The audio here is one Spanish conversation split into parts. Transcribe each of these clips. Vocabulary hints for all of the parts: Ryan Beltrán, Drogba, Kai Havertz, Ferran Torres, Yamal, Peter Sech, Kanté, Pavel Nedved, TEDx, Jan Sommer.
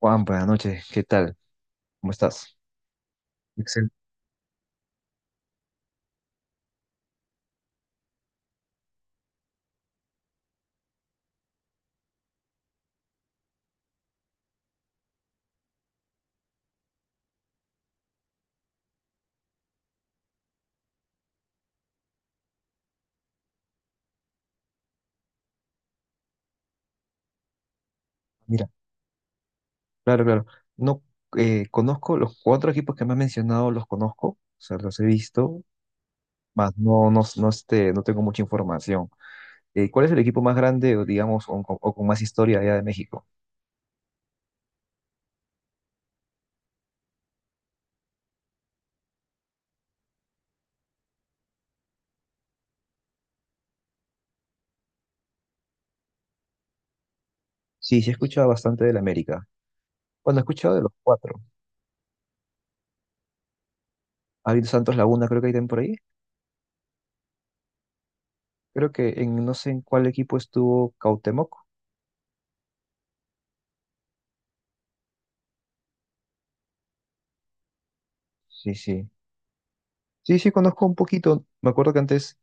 Juan, buenas noches, ¿qué tal? ¿Cómo estás? Excelente. Mira, claro, claro. No, conozco los cuatro equipos que me has mencionado, los conozco, o sea, los he visto, más no tengo mucha información. ¿Cuál es el equipo más grande, o digamos, o con más historia allá de México? Sí, sí he escuchado bastante del América. Bueno, he escuchado de los cuatro. Ha habido Santos Laguna, creo que hay también por ahí. Creo que en no sé en cuál equipo estuvo Cautemoc. Sí, sí. Sí, sí, conozco un poquito. Me acuerdo que antes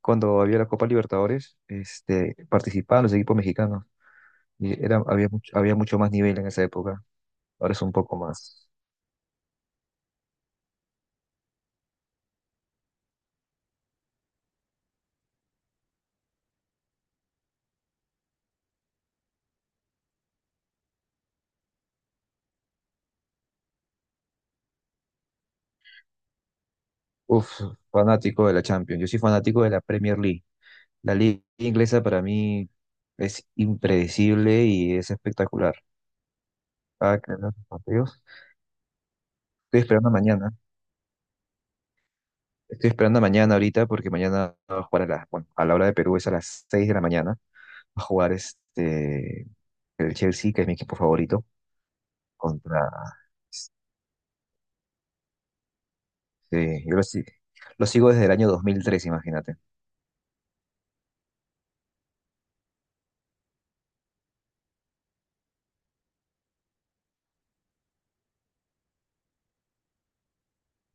cuando había la Copa Libertadores, participaban los equipos mexicanos había mucho más nivel en esa época. Ahora es un poco más. Uf, fanático de la Champions. Yo soy fanático de la Premier League. La liga inglesa para mí es impredecible y es espectacular. Cada que ganan los partidos. Estoy esperando mañana. Estoy esperando mañana ahorita porque mañana va a jugar a la, bueno, a la hora de Perú es a las 6 de la mañana. Va a jugar el Chelsea, que es mi equipo favorito, contra. Sí, yo lo, si- lo sigo desde el año 2003, imagínate.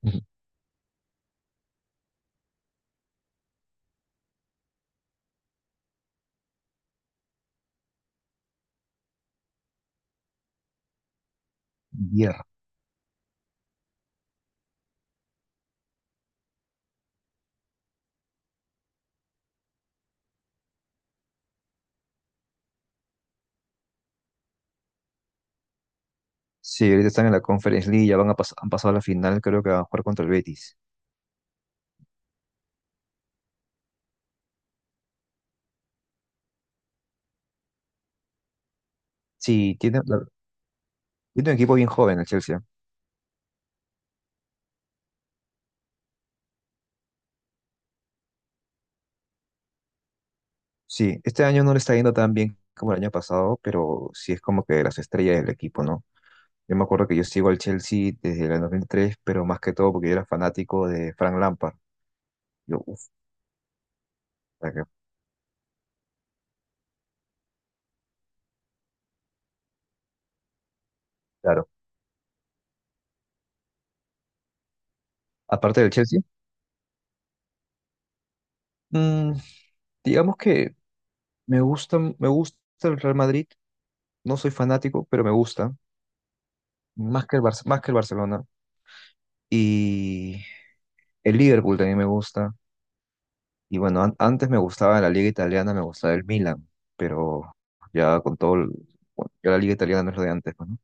Ujú. Mierda. Sí, ahorita están en la Conference League, ya han pasado a la final, creo que van a jugar contra el Betis. Sí, tiene un equipo bien joven el Chelsea. Sí, este año no le está yendo tan bien como el año pasado, pero sí es como que las estrellas del equipo, ¿no? Yo me acuerdo que yo sigo al Chelsea desde el 2003, pero más que todo porque yo era fanático de Frank Lampard. Yo, uff, claro. Aparte del Chelsea, mm, digamos que me gusta el Real Madrid. No soy fanático, pero me gusta. Más que el más que el Barcelona. Y el Liverpool también me gusta. Y bueno, antes me gustaba la liga italiana, me gustaba el Milan. Pero ya con todo... el- Bueno, ya la liga italiana no es lo de antes, pues, ¿no?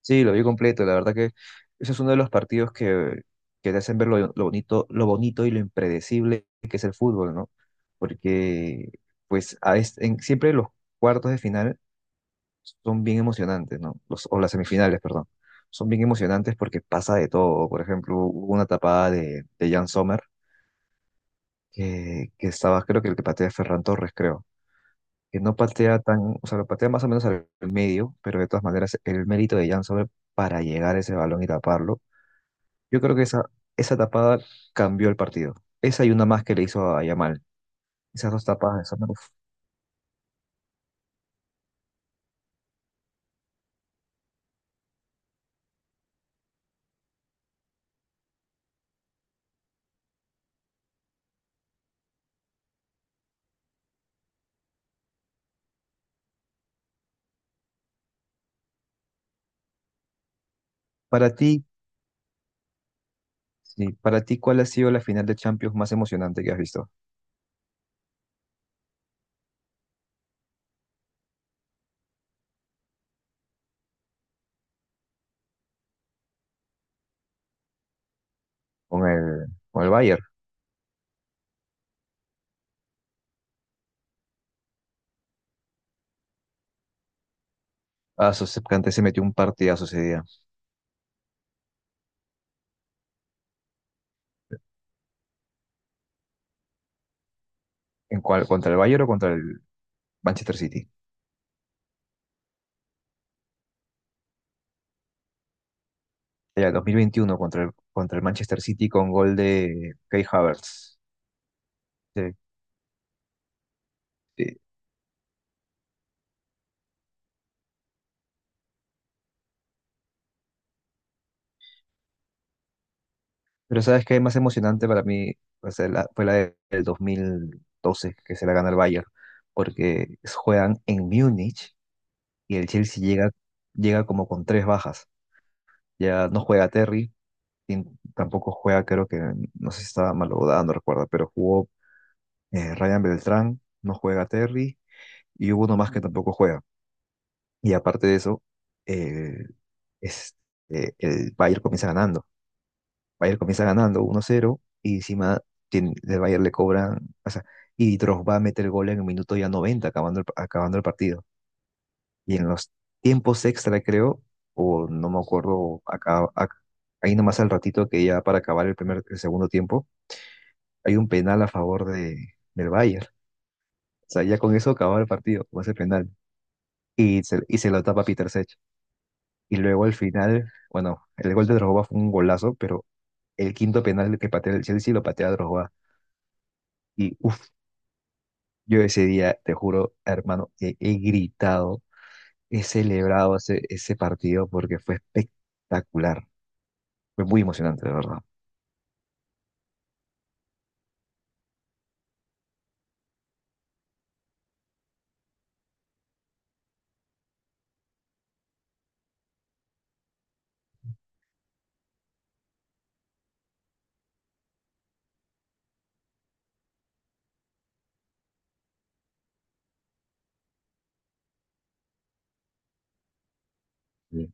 Sí, lo vi completo. La verdad que ese es uno de los partidos que te hacen ver lo bonito, lo bonito y lo impredecible que es el fútbol, ¿no? Porque, pues, siempre los cuartos de final son bien emocionantes, ¿no? O las semifinales, perdón. Son bien emocionantes porque pasa de todo. Por ejemplo, hubo una tapada de Jan Sommer que estaba, creo que el que patea es Ferran Torres, creo. Que no patea tan, o sea, lo patea más o menos al medio, pero de todas maneras el mérito de Jan Sommer para llegar a ese balón y taparlo. Yo creo que esa tapada cambió el partido. Esa y una más que le hizo a Yamal. Esas dos tapadas de Sommer. Uf. Para ti, sí, para ti, ¿cuál ha sido la final de Champions más emocionante que has visto? Con el, con el Bayern. Ah, su Kanté se metió un partidazo ese día. ¿En cuál? ¿Contra el Bayern o contra el Manchester City? Era el 2021 contra el Manchester City con gol de Kai Havertz. Sí, sí. Pero ¿sabes qué? Más emocionante para mí del 2012 que se la gana el Bayern, porque juegan en Múnich y el Chelsea llega como con tres bajas. Ya no juega Terry, y tampoco juega, creo que, no sé si estaba malogrado, no recuerdo, pero jugó Ryan Beltrán, no juega Terry y hubo uno más que tampoco juega. Y aparte de eso, eh, es, el Bayern comienza ganando. Bayern comienza ganando 1-0 y encima el Bayern le cobran, o sea, y Drogba mete el gol en el minuto ya 90, acabando el partido. Y en los tiempos extra, creo, o no me acuerdo, ahí nomás al ratito que ya para acabar el segundo tiempo, hay un penal a favor del Bayern. O sea, ya con eso acababa el partido, con ese penal. Y se lo tapa Peter Sech. Y luego al final, bueno, el gol de Drogba fue un golazo, pero el quinto penal que patea el Chelsea lo patea Drogba. Y uff, yo ese día, te juro, hermano, he gritado, he celebrado ese partido porque fue espectacular. Fue muy emocionante, de verdad. Sí.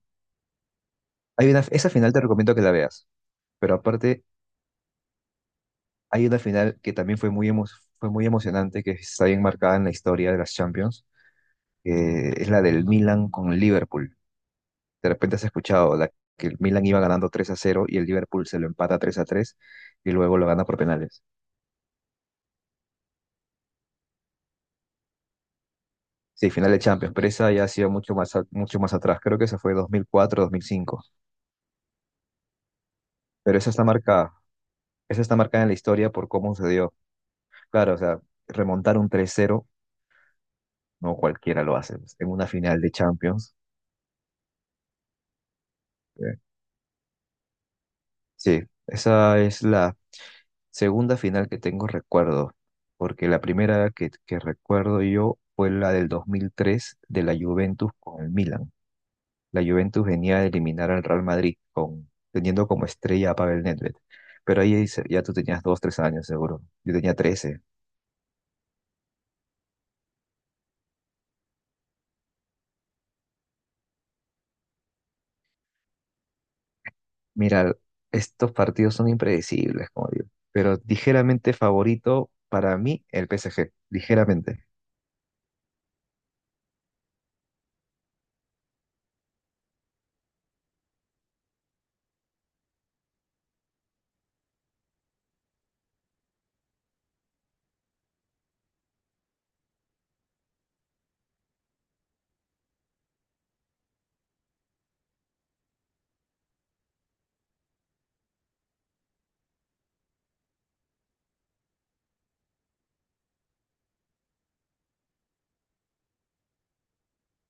Hay una, esa final te recomiendo que la veas, pero aparte hay una final que también fue muy emocionante, que está bien marcada en la historia de las Champions, que es la del Milan con Liverpool. De repente has escuchado la que el Milan iba ganando 3-0 y el Liverpool se lo empata 3-3 y luego lo gana por penales. Sí, final de Champions, pero esa ya ha sido mucho más atrás. Creo que esa fue 2004, 2005. Pero esa está marcada. Esa está marcada en la historia por cómo se dio. Claro, o sea, remontar un 3-0 no cualquiera lo hace. En una final de Champions. eh, Sí, esa es la segunda final que tengo recuerdo, porque la primera que recuerdo yo fue la del 2003 de la Juventus con el Milan. La Juventus venía a eliminar al Real Madrid con, teniendo como estrella a Pavel Nedved. Pero ahí ya tú tenías dos, tres años seguro. Yo tenía 13. Mira, estos partidos son impredecibles, como digo. Pero ligeramente favorito para mí el PSG, ligeramente.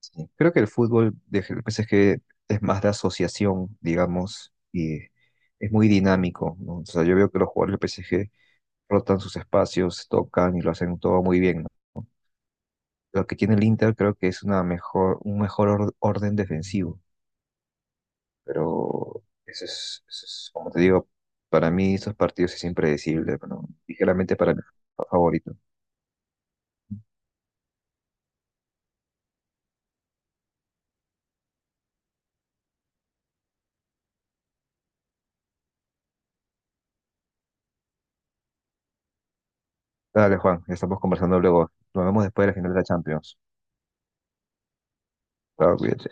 Sí, creo que el fútbol de PSG es que es más de asociación, digamos, y es muy dinámico, ¿no? O sea, yo veo que los jugadores del PSG rotan sus espacios, tocan y lo hacen todo muy bien, ¿no? Lo que tiene el Inter creo que es una mejor, un mejor or- orden defensivo, pero eso es, como te digo, para mí estos partidos es impredecible, ¿no? Ligeramente para mí favorito. Dale, Juan, ya estamos conversando luego. Nos vemos después de la final de la Champions. Chao, cuídate.